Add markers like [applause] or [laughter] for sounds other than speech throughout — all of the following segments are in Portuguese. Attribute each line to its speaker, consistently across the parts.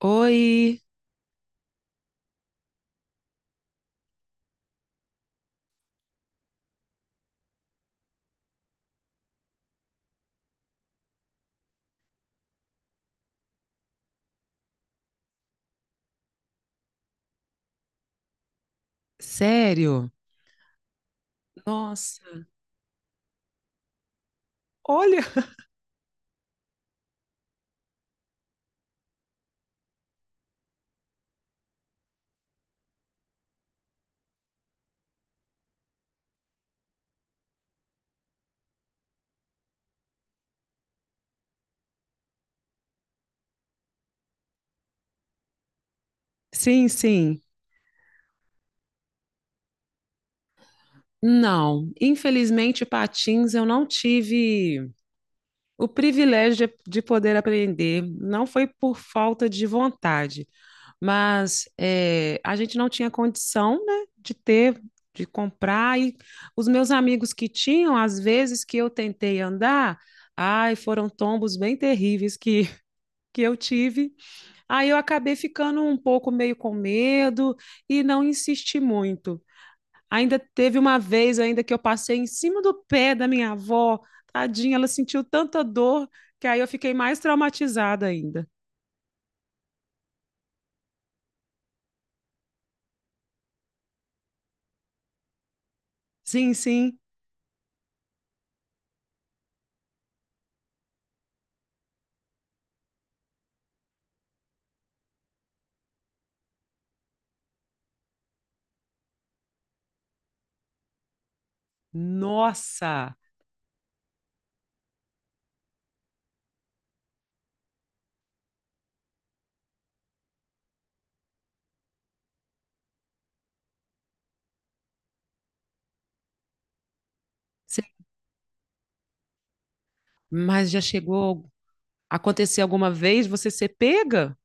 Speaker 1: Oi, sério? Nossa, olha, sim, sim. Não, infelizmente, patins eu não tive o privilégio de poder aprender. Não foi por falta de vontade, mas a gente não tinha condição, né, de ter, de comprar. E os meus amigos que tinham, às vezes que eu tentei andar, ai, foram tombos bem terríveis que eu tive. Aí eu acabei ficando um pouco meio com medo e não insisti muito. Ainda teve uma vez ainda que eu passei em cima do pé da minha avó, tadinha, ela sentiu tanta dor que aí eu fiquei mais traumatizada ainda. Sim, sim. Nossa! Cê- Mas já chegou a acontecer alguma vez você ser pega?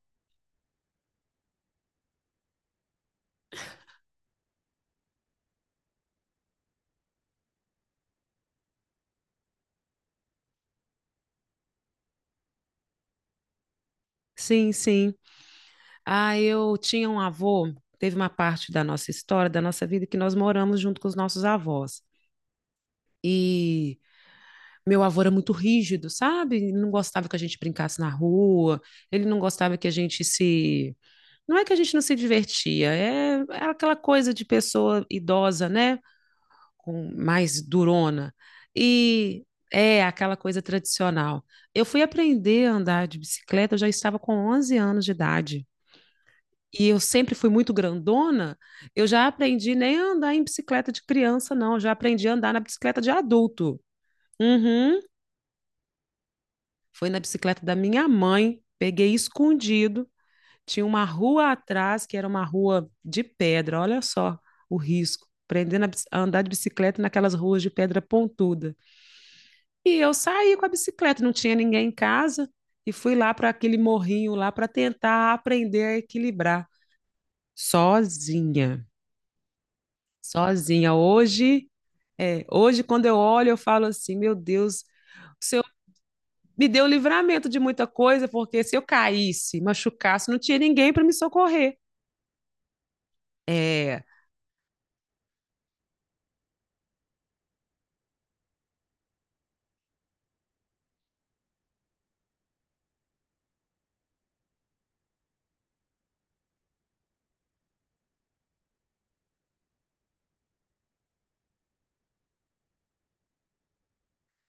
Speaker 1: Sim, sim. Ah, eu tinha um avô, teve uma parte da nossa história, da nossa vida, que nós moramos junto com os nossos avós. E meu avô era muito rígido, sabe? Ele não gostava que a gente brincasse na rua, ele não gostava que a gente se. Não é que a gente não se divertia, é aquela coisa de pessoa idosa, né? Com mais durona. E é aquela coisa tradicional. Eu fui aprender a andar de bicicleta, eu já estava com 11 anos de idade. E eu sempre fui muito grandona, eu já aprendi nem a andar em bicicleta de criança, não. Eu já aprendi a andar na bicicleta de adulto. Uhum. Foi na bicicleta da minha mãe, peguei escondido. Tinha uma rua atrás, que era uma rua de pedra, olha só o risco. Aprendendo a andar de bicicleta naquelas ruas de pedra pontuda. E eu saí com a bicicleta, não tinha ninguém em casa, e fui lá para aquele morrinho lá para tentar aprender a equilibrar sozinha. Sozinha. Hoje, hoje quando eu olho, eu falo assim, meu Deus, se me deu livramento de muita coisa, porque se eu caísse, machucasse, não tinha ninguém para me socorrer. É,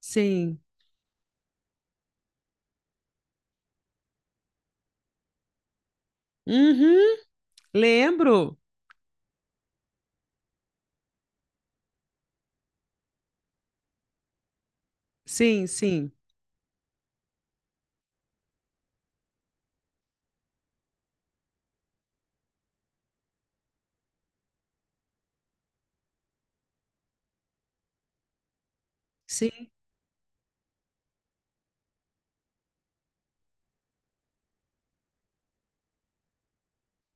Speaker 1: sim. Uhum, lembro. Sim, sim, sim,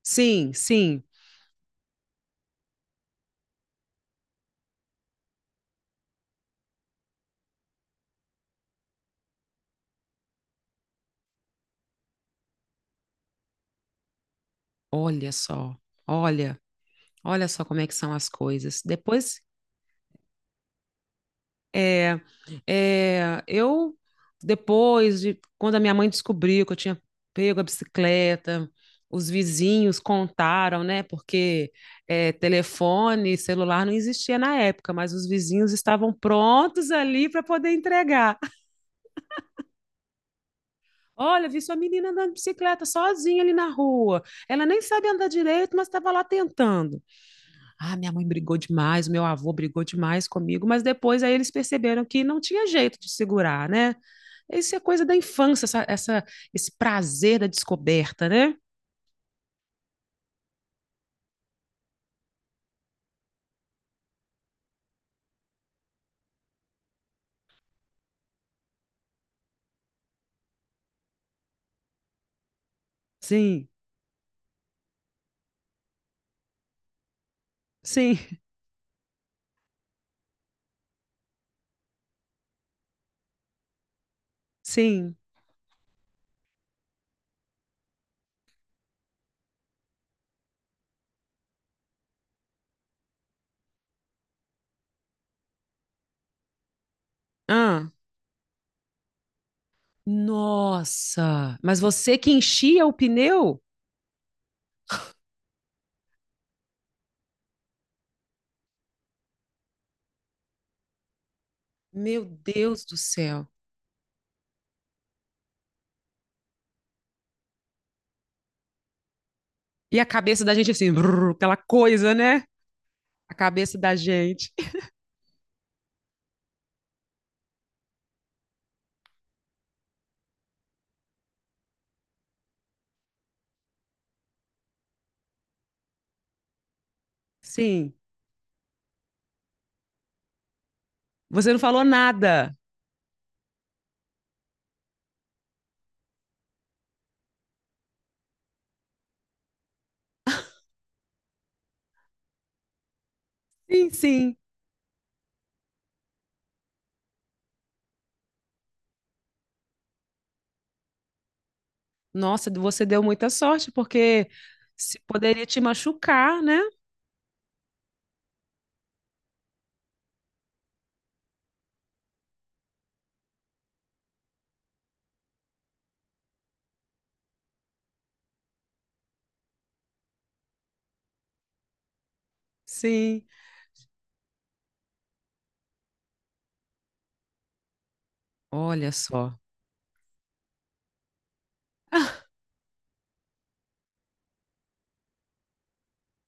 Speaker 1: sim, sim. Olha só, olha, olha só como é que são as coisas. Depois É, é, eu, depois de quando a minha mãe descobriu que eu tinha pego a bicicleta, os vizinhos contaram, né? Porque telefone, celular não existia na época, mas os vizinhos estavam prontos ali para poder entregar. Olha, vi sua menina andando de bicicleta sozinha ali na rua. Ela nem sabe andar direito, mas estava lá tentando. Ah, minha mãe brigou demais, meu avô brigou demais comigo, mas depois aí eles perceberam que não tinha jeito de segurar, né? Isso é coisa da infância, esse prazer da descoberta, né? Sim, sim, sim. Ah, nossa! Mas você que enchia o pneu? Meu Deus do céu! E a cabeça da gente assim, brrr, aquela coisa, né? A cabeça da gente. [laughs] Sim, você não falou nada. Sim, sim. Nossa, você deu muita sorte, porque se poderia te machucar, né? Sim. Olha só.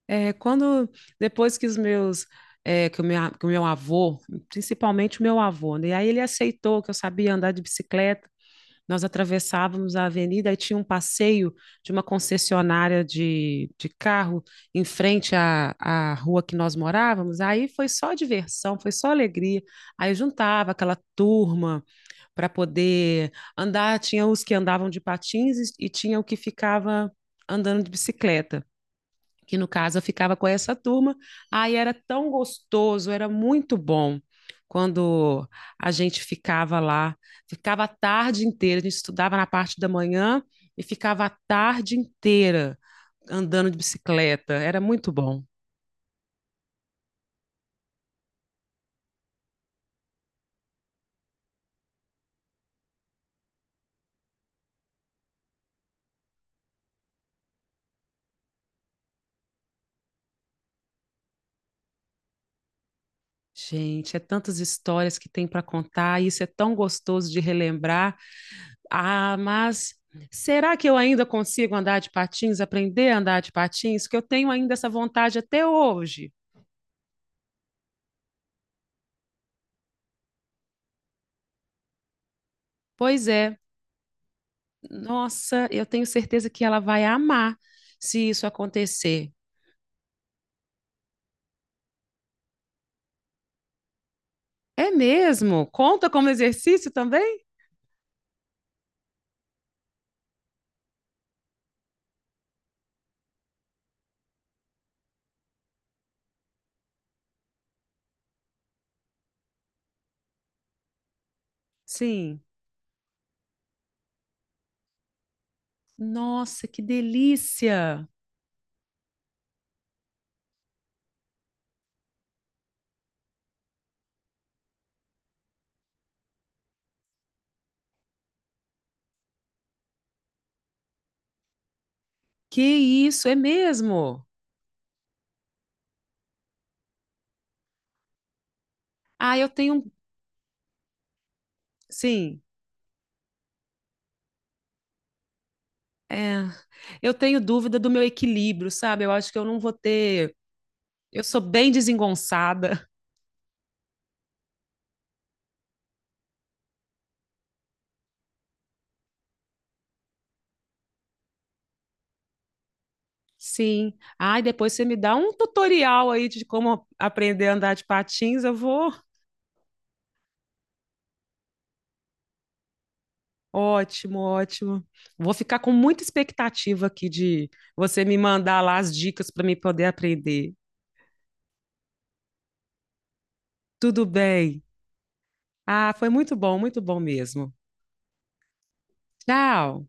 Speaker 1: É, quando depois que os meus que o meu avô, principalmente o meu avô, né? E aí ele aceitou que eu sabia andar de bicicleta. Nós atravessávamos a avenida e tinha um passeio de uma concessionária de carro em frente à rua que nós morávamos. Aí foi só diversão, foi só alegria. Aí juntava aquela turma para poder andar. Tinha os que andavam de patins e tinha o que ficava andando de bicicleta que no caso eu ficava com essa turma. Aí era tão gostoso, era muito bom quando a gente ficava lá, ficava a tarde inteira, a gente estudava na parte da manhã e ficava a tarde inteira andando de bicicleta, era muito bom. Gente, é tantas histórias que tem para contar, isso é tão gostoso de relembrar. Ah, mas será que eu ainda consigo andar de patins, aprender a andar de patins? Que eu tenho ainda essa vontade até hoje. Pois é, nossa, eu tenho certeza que ela vai amar se isso acontecer. É mesmo? Conta como exercício também? Sim. Nossa, que delícia! Que isso, é mesmo? Ah, eu tenho. Sim. É, eu tenho dúvida do meu equilíbrio, sabe? Eu acho que eu não vou ter. Eu sou bem desengonçada. [laughs] Sim. Ai, depois você me dá um tutorial aí de como aprender a andar de patins, eu vou. Ótimo, ótimo. Vou ficar com muita expectativa aqui de você me mandar lá as dicas para me poder aprender. Tudo bem. Ah, foi muito bom mesmo. Tchau.